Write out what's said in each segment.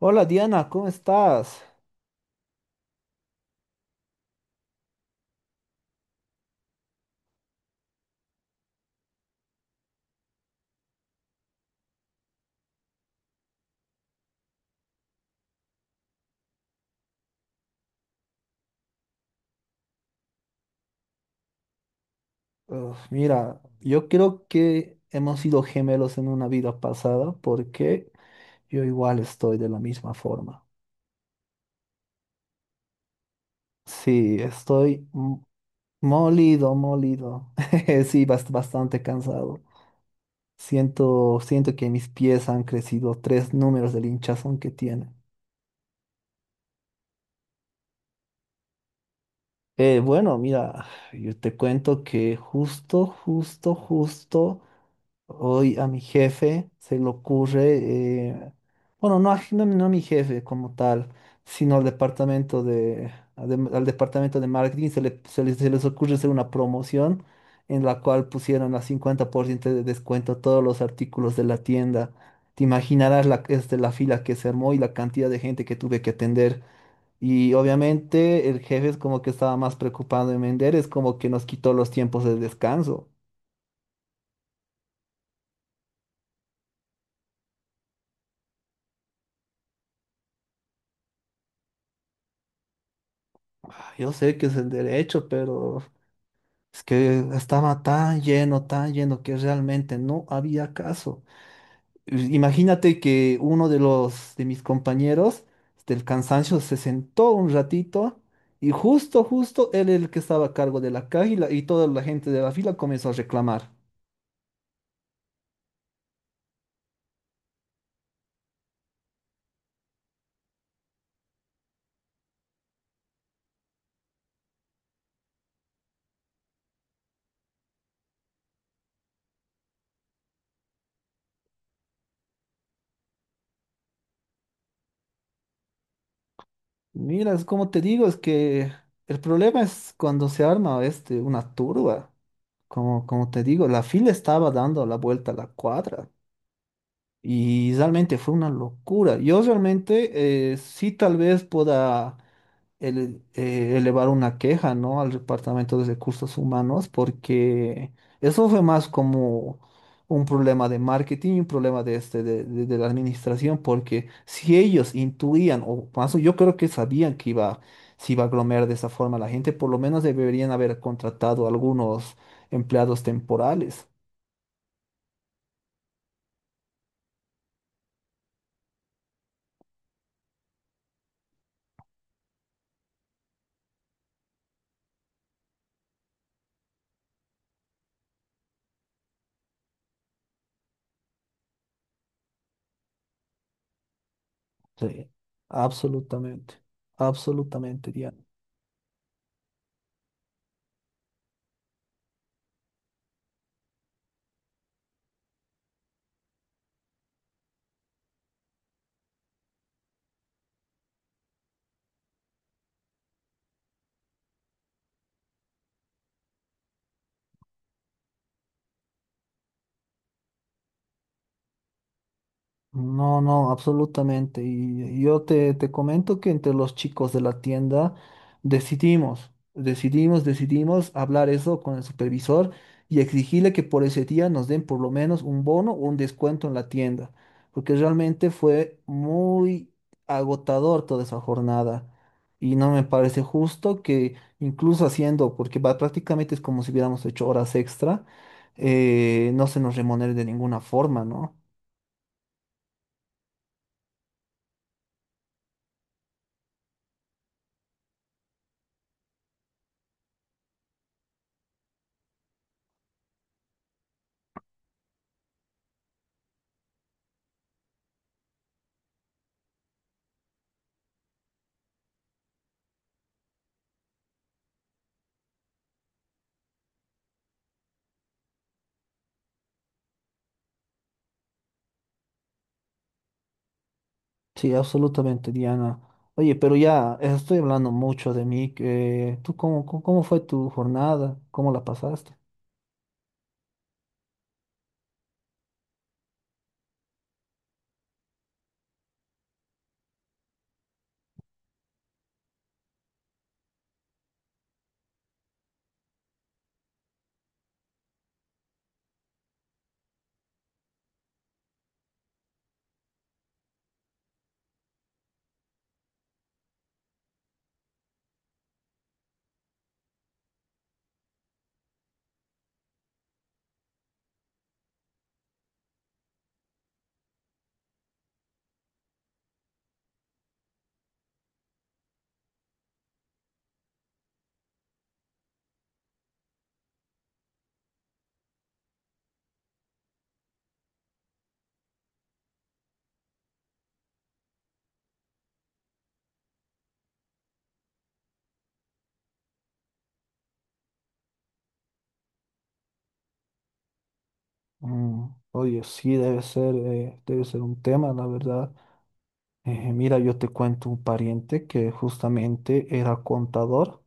Hola Diana, ¿cómo estás? Uf, mira, yo creo que hemos sido gemelos en una vida pasada porque yo igual estoy de la misma forma. Sí, estoy molido, molido. Sí, bastante cansado. Siento que mis pies han crecido 3 números del hinchazón que tienen. Bueno, mira, yo te cuento que justo. Hoy a mi jefe se le ocurre, eh, bueno, no a mi jefe como tal, sino al departamento de- al departamento de marketing se les ocurre hacer una promoción en la cual pusieron a 50% de descuento a todos los artículos de la tienda. Te imaginarás la, este, la fila que se armó y la cantidad de gente que tuve que atender. Y obviamente el jefe es como que estaba más preocupado en vender, es como que nos quitó los tiempos de descanso. Ah, yo sé que es el derecho, pero es que estaba tan lleno que realmente no había caso. Imagínate que uno de los de mis compañeros del cansancio se sentó un ratito y justo él era el que estaba a cargo de la caja y, y toda la gente de la fila comenzó a reclamar. Mira, es como te digo, es que el problema es cuando se arma este una turba. Como te digo, la fila estaba dando la vuelta a la cuadra. Y realmente fue una locura. Yo realmente sí tal vez pueda elevar una queja, ¿no? Al Departamento de Recursos Humanos, porque eso fue más como un problema de marketing y un problema de, este, de la administración, porque si ellos intuían, o más, yo creo que sabían que iba, se iba a aglomerar de esa forma la gente, por lo menos deberían haber contratado algunos empleados temporales. Sí, absolutamente, absolutamente, Diana. No, no, absolutamente. Y yo te, te comento que entre los chicos de la tienda decidimos hablar eso con el supervisor y exigirle que por ese día nos den por lo menos un bono o un descuento en la tienda, porque realmente fue muy agotador toda esa jornada. Y no me parece justo que incluso haciendo, porque prácticamente es como si hubiéramos hecho horas extra, no se nos remunere de ninguna forma, ¿no? Sí, absolutamente, Diana. Oye, pero ya estoy hablando mucho de mí. ¿Tú cómo fue tu jornada? ¿Cómo la pasaste? Mm, oye, sí, debe ser un tema, la verdad. Mira, yo te cuento un pariente que justamente era contador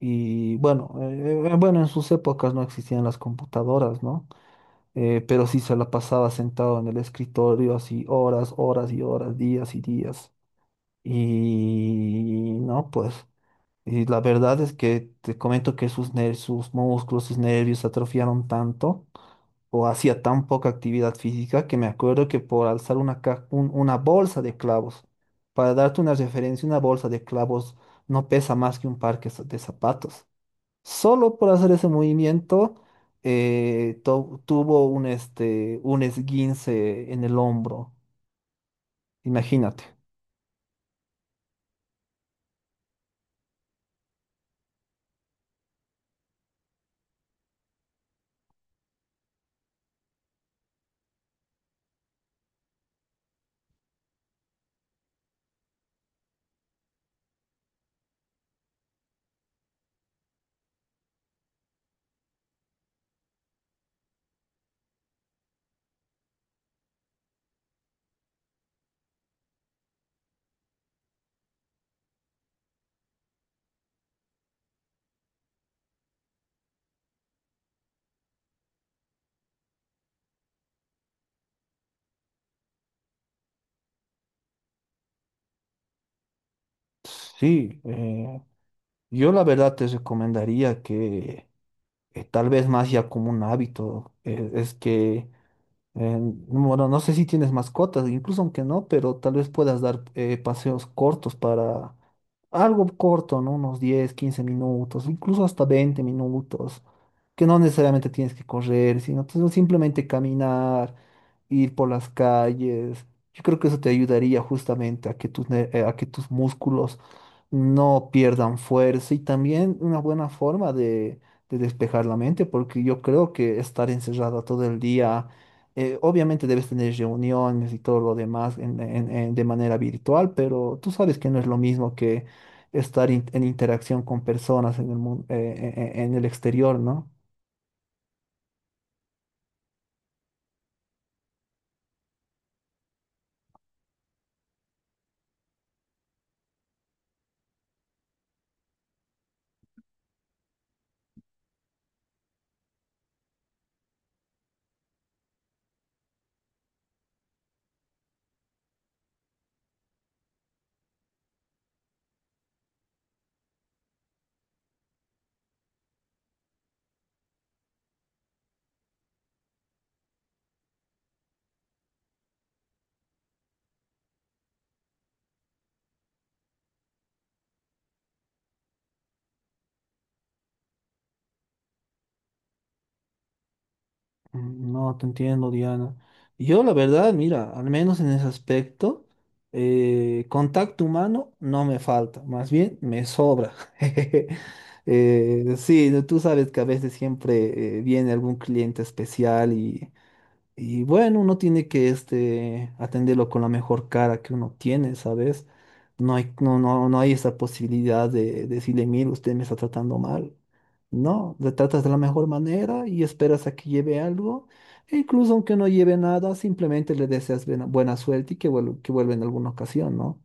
y bueno, bueno, en sus épocas no existían las computadoras, ¿no? Pero sí se la pasaba sentado en el escritorio así horas, horas y horas, días y días. Y no, pues. Y la verdad es que te comento que sus, sus músculos, sus nervios se atrofiaron tanto o hacía tan poca actividad física que me acuerdo que por alzar una, una bolsa de clavos, para darte una referencia, una bolsa de clavos no pesa más que un par que de zapatos. Solo por hacer ese movimiento tuvo un, este, un esguince en el hombro. Imagínate. Sí, yo la verdad te recomendaría que... tal vez más ya como un hábito, es que... Eh, bueno, no sé si tienes mascotas, incluso aunque no, pero tal vez puedas dar paseos cortos para algo corto, ¿no? Unos 10 15 minutos, incluso hasta 20 minutos, que no necesariamente tienes que correr, sino tú simplemente caminar, ir por las calles. Yo creo que eso te ayudaría justamente a que tus, a que tus músculos no pierdan fuerza y también una buena forma de despejar la mente, porque yo creo que estar encerrada todo el día obviamente debes tener reuniones y todo lo demás de manera virtual, pero tú sabes que no es lo mismo que estar en interacción con personas en el en el exterior, ¿no? Mm, no, te entiendo, Diana. Yo, la verdad, mira, al menos en ese aspecto, contacto humano no me falta, más bien me sobra. Sí, tú sabes que a veces siempre viene algún cliente especial. Y bueno, uno tiene que este, atenderlo con la mejor cara que uno tiene, ¿sabes? No hay, no hay esa posibilidad de, decirle, mire, usted me está tratando mal. No, le tratas de la mejor manera y esperas a que lleve algo. E incluso aunque no lleve nada, simplemente le deseas buena, buena suerte y que vuelva en alguna ocasión, ¿no?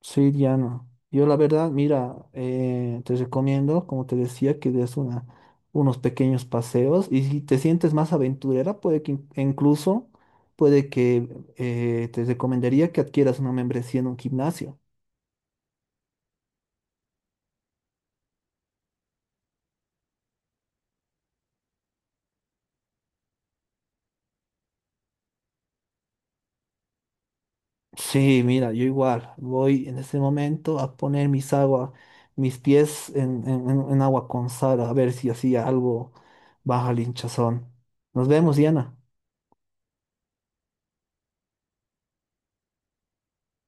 Sí, Diana. Yo la verdad, mira, te recomiendo, como te decía, que des una, unos pequeños paseos y si te sientes más aventurera, puede que e incluso, puede que te recomendaría que adquieras una membresía en un gimnasio. Sí, mira, yo igual voy en este momento a poner mis agua, mis pies en, en agua con sal, a ver si así algo baja el hinchazón. Nos vemos, Diana.